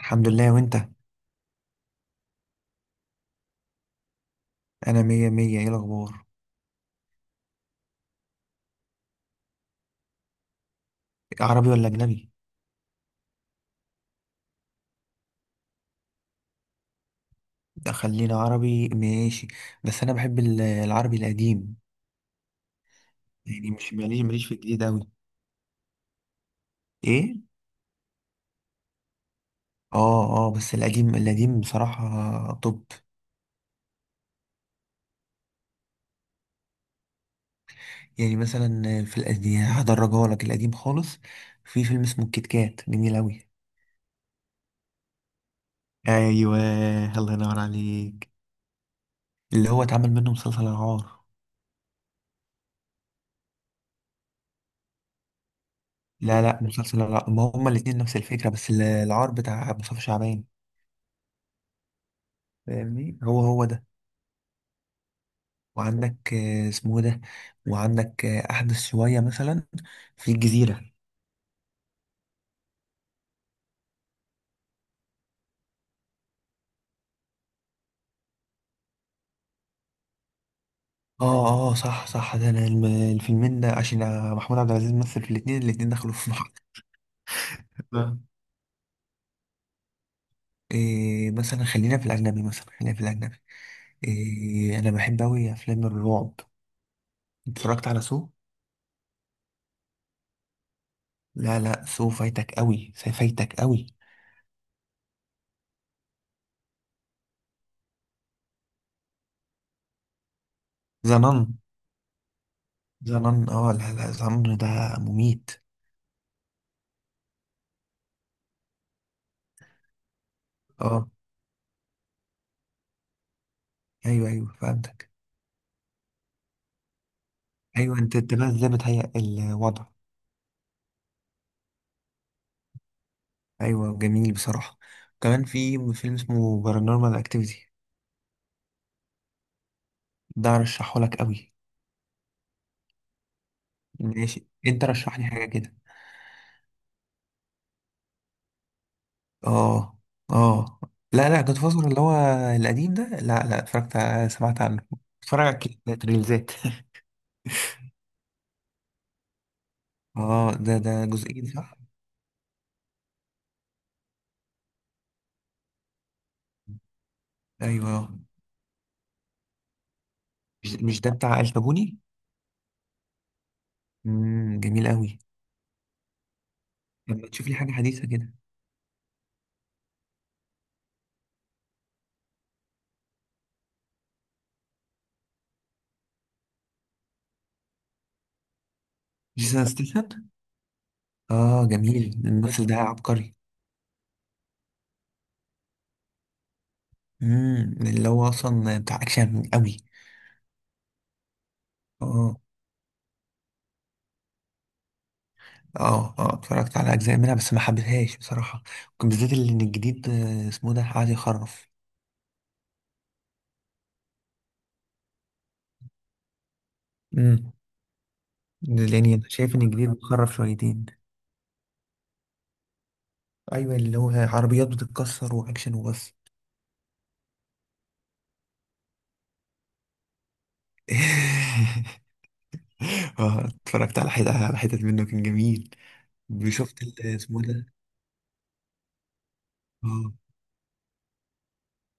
الحمد لله، وانت؟ انا مية مية. ايه الاخبار؟ عربي ولا اجنبي؟ ده خلينا عربي، ماشي. بس انا بحب العربي القديم. يعني مش ماليش في الجديد اوي. ايه؟ اه، اه، بس القديم القديم بصراحة. طب. يعني مثلا في القديم، هدرجها لك القديم خالص. في فيلم اسمه الكيت كات، جميل اوي. ايوه. الله ينور عليك. اللي هو اتعمل منه مسلسل العار. لا، لا، مسلسل العار. ما هما الاتنين نفس الفكرة، بس العار بتاع مصطفى شعبان. فاهمني؟ هو ده. وعندك اسمه ده. وعندك أحدث شوية، مثلا. في الجزيرة. اه، اه، صح، صح، ده أنا الفيلمين ده عشان محمود عبد العزيز مثل في الاتنين. الاتنين دخلوا في محطة. إيه؟ مثلا خلينا في الأجنبي. إيه، أنا بحب أوي أفلام الرعب. اتفرجت على سو؟ لا، لا، سو فايتك أوي، سو فايتك أوي. زنان. زنان، اه. لا، لا، زنان ده مميت. اه. أيوه، أيوه، فهمتك. أيوه. أنت بقى إزاي بتهيأ الوضع؟ ايوه، جميل بصراحه. كمان في فيلم اسمه بارانورمال اكتيفيتي. ده رشحه لك قوي. ماشي، انت رشح لي حاجه كده. اه، اه. لا، لا، جاد فازر اللي هو القديم ده. لا، لا، سمعت عنه. اتفرج على الكليبات، ريلزات. اه، ده جزئين، صح؟ ايوه. مش ده بتاع الكابوني؟ جميل قوي. لما تشوف لي حاجه حديثه كده. جيسون ستيثم. اه، جميل، الممثل ده عبقري. اللي هو اصلا بتاع اكشن قوي. اه، اه. اه، اتفرجت على اجزاء منها بس ما حبيتهاش بصراحه. ممكن بالذات اللي ان الجديد، اسمه ده، قاعد يخرف. امم. لاني انا شايف ان الجديد بيخرف شويتين. ايوه، اللي هو عربيات بتتكسر واكشن وبس. اه، اتفرجت على حتت على حتت منه، كان جميل. وشفت اسمه ده. اه،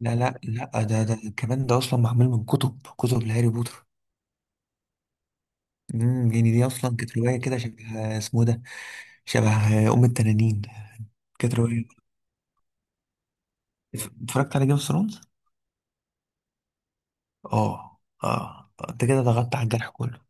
لا، لا، لا، ده كمان، ده اصلا معمول من كتب لهاري بوتر. يعني دي اصلا كانت روايه كده، شبه اسمه ده. شبه. ام التنانين. كانت روايه. اتفرجت على جيم اوف ثرونز. اه، اه، انت كده ضغطت على الجرح كله.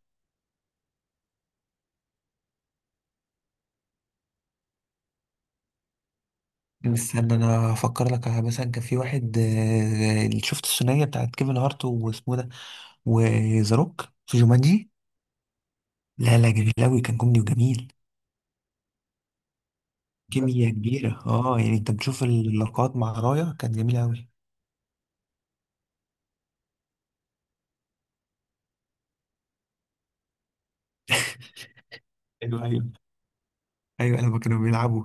استنى انا افكر لك. على مثلا كان في واحد، اللي شفت الثنائيه بتاعت كيفن هارت واسمه إيه ده. وذا روك في جومانجي. لا، لا، جميل قوي، كان كوميدي وجميل. بس كيمياء كبيره، اه، يعني انت بتشوف اللقاءات مع رايا، كانت جميله قوي. ايوه، ايوه، ايوه، لما كانوا بيلعبوا.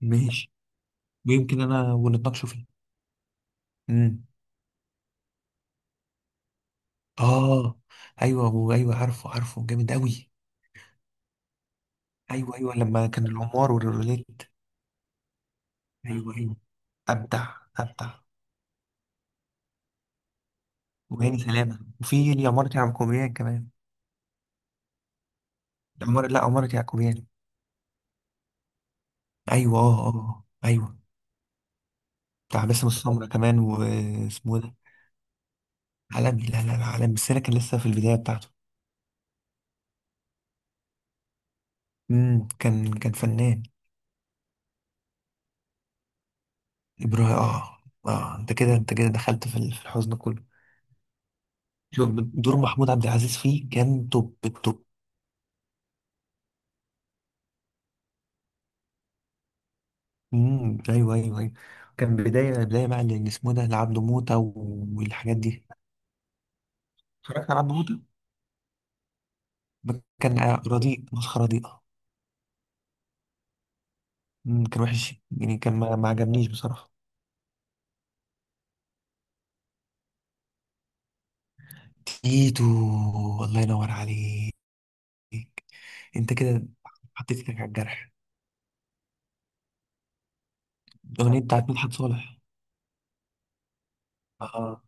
ماشي. ويمكن انا ونتناقشوا فيه. امم اه، ايوه، وايوه، عارفه، عارفه، جامد قوي. ايوه، ايوه، لما كان القمار والروليت. ايوه، ايوه. ابدع. ابدع. وهاني سلامه، وفي اليمارة يعقوبيان كمان. العمارة، لا، عمارة يعقوبيان. ايوه، اه، اه، ايوه. بتاع باسم السمره كمان، واسمه إيه ده. عالمي، لا، لا، لا، عالمي بس انا كان لسه في البدايه بتاعته. كان فنان. ابراهيم، اه. اه، انت كده دخلت في في الحزن كله. شوف، دور محمود عبد العزيز فيه كان توب التوب. ايوه، ايوه، ايوه. كان بدايه بقى اللي اسمه ده لعبد موته. والحاجات دي. اتفرجت على عبد موته. كان رديء، مسخره، رديئه. كان وحش يعني، كان ما عجبنيش بصراحه. تيتو. الله ينور عليك. انت كده حطيت ايدك على الجرح. الاغنيه بتاعت مدحت صالح. اه.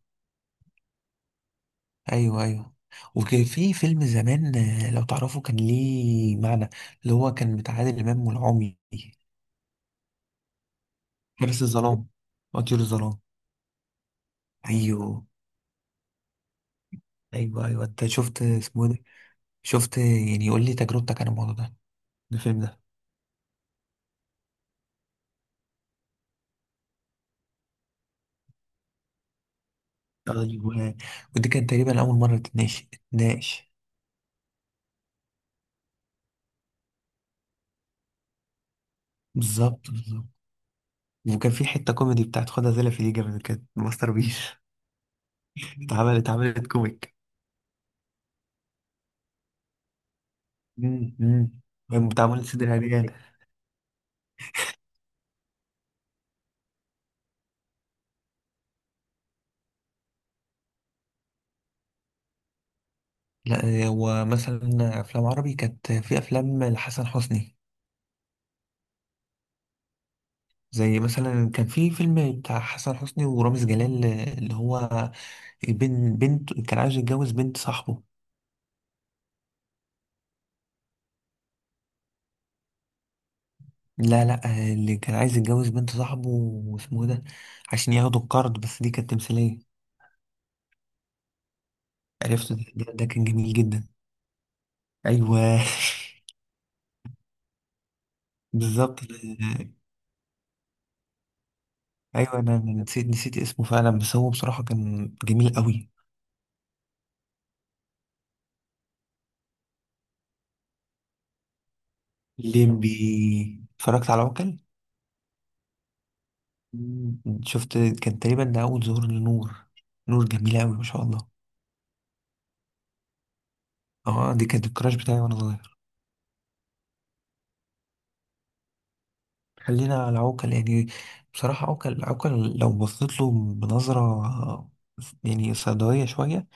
ايوه، ايوه. وكان في فيلم زمان، لو تعرفه كان ليه معنى. اللي هو كان بتاع عادل امام والعمي. حارس الظلام. وطيور الظلام. ايوه. ايوه، ايوه، انت شفت اسمه إيه ده؟ شفت؟ يعني قول لي تجربتك عن الموضوع ده. الفيلم ده. ايوه. ودي كانت تقريبا اول مره تتناقش. بالظبط، بالظبط. وكان في حته كوميدي بتاعت خدها زي في دي، من كانت ماستر بيس. اتعملت كوميك. امم. بتعمل صدر عريان. لا، هو مثلا افلام عربي كانت في افلام لحسن حسني. زي مثلا كان في فيلم بتاع حسن حسني ورامز جلال، اللي هو بين بنت كان عايز يتجوز بنت صاحبه. لا، لا، اللي كان عايز يتجوز بنت صاحبه واسمه إيه ده، عشان ياخدوا القرض، بس دي كانت تمثيلية. عرفته. ده كان جميل جدا. ايوه. بالظبط. ايوه، انا نسيت اسمه فعلا، بس هو بصراحة كان جميل قوي. ليمبي. اتفرجت على عوكل. مم. شفت؟ كان تقريبا ده اول ظهور لنور. نور جميلة قوي، ما شاء الله. اه، دي كانت الكراش بتاعي وانا صغير. خلينا على عوكل يعني. بصراحة عوكل، عوكل لو بصيت له بنظرة، يعني سوداوية شوية،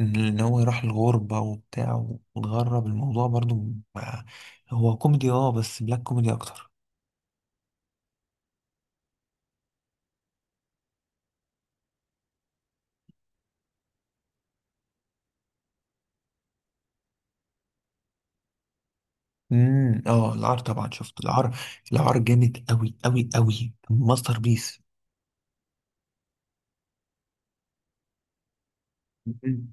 إن هو يروح الغربة وبتاع، وتغرب الموضوع برضو. مع- هو كوميدي، اه، بس بلاك كوميدي أكتر. اه، العار طبعا، شفت العار. العار جامد أوي أوي أوي، ماستر بيس. مم.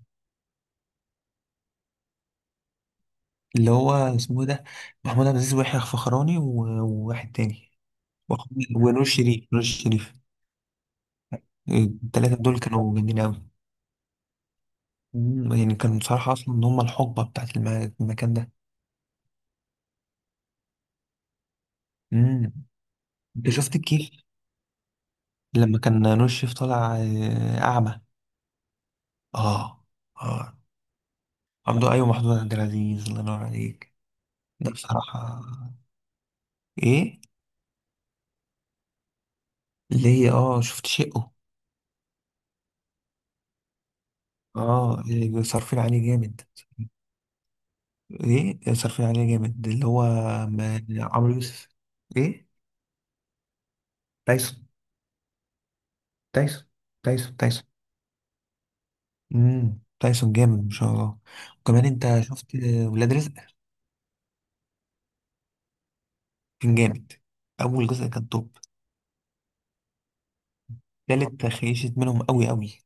اللي هو اسمه إيه ده. محمود عبد العزيز ويحيى الفخراني وواحد تاني. وخ- ونور شريف، نور شريف. التلاتة دول كانوا جامدين أوي. مم، يعني كان بصراحة أصلا إن هما الحقبة بتاعت المكان ده. مم. أنت شفت الكيف؟ لما كان نور الشريف طالع، أعمى. آه. آه. عبده، أيوة، محمود عبد العزيز، الله ينور عليك. ده بصراحة. إيه؟ ليه؟ شفت شقه. إيه، صارفين عليه جامد. إيه، صارفين عليه جامد، اللي هو ما- عمرو يوسف. إيه. تايسون. تايسون. تايسون، تايسون. مم. تايسون جامد، ما شاء الله. وكمان أنت شفت ولاد رزق. كان جامد. اول جزء كان توب. تالت خيشت منهم قوي قوي.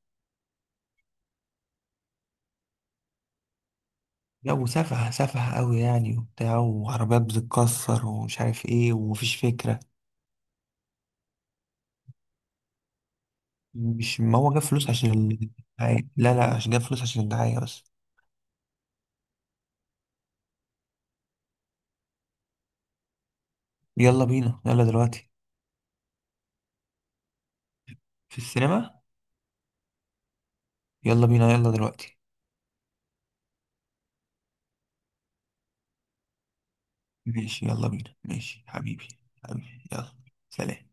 لا، وسفه سفه قوي يعني، وبتاع، وعربيات بتتكسر، ومش عارف ايه، ومفيش فكره. مش، ما هو جاب فلوس عشان الدعايه. لا، لا، عشان جاب فلوس عشان الدعايه بس. يلا بينا، يلا دلوقتي. في السينما. يلا بينا، يلا دلوقتي. ماشي، يلا بينا، ماشي حبيبي. حبيبي، يلا. سلام.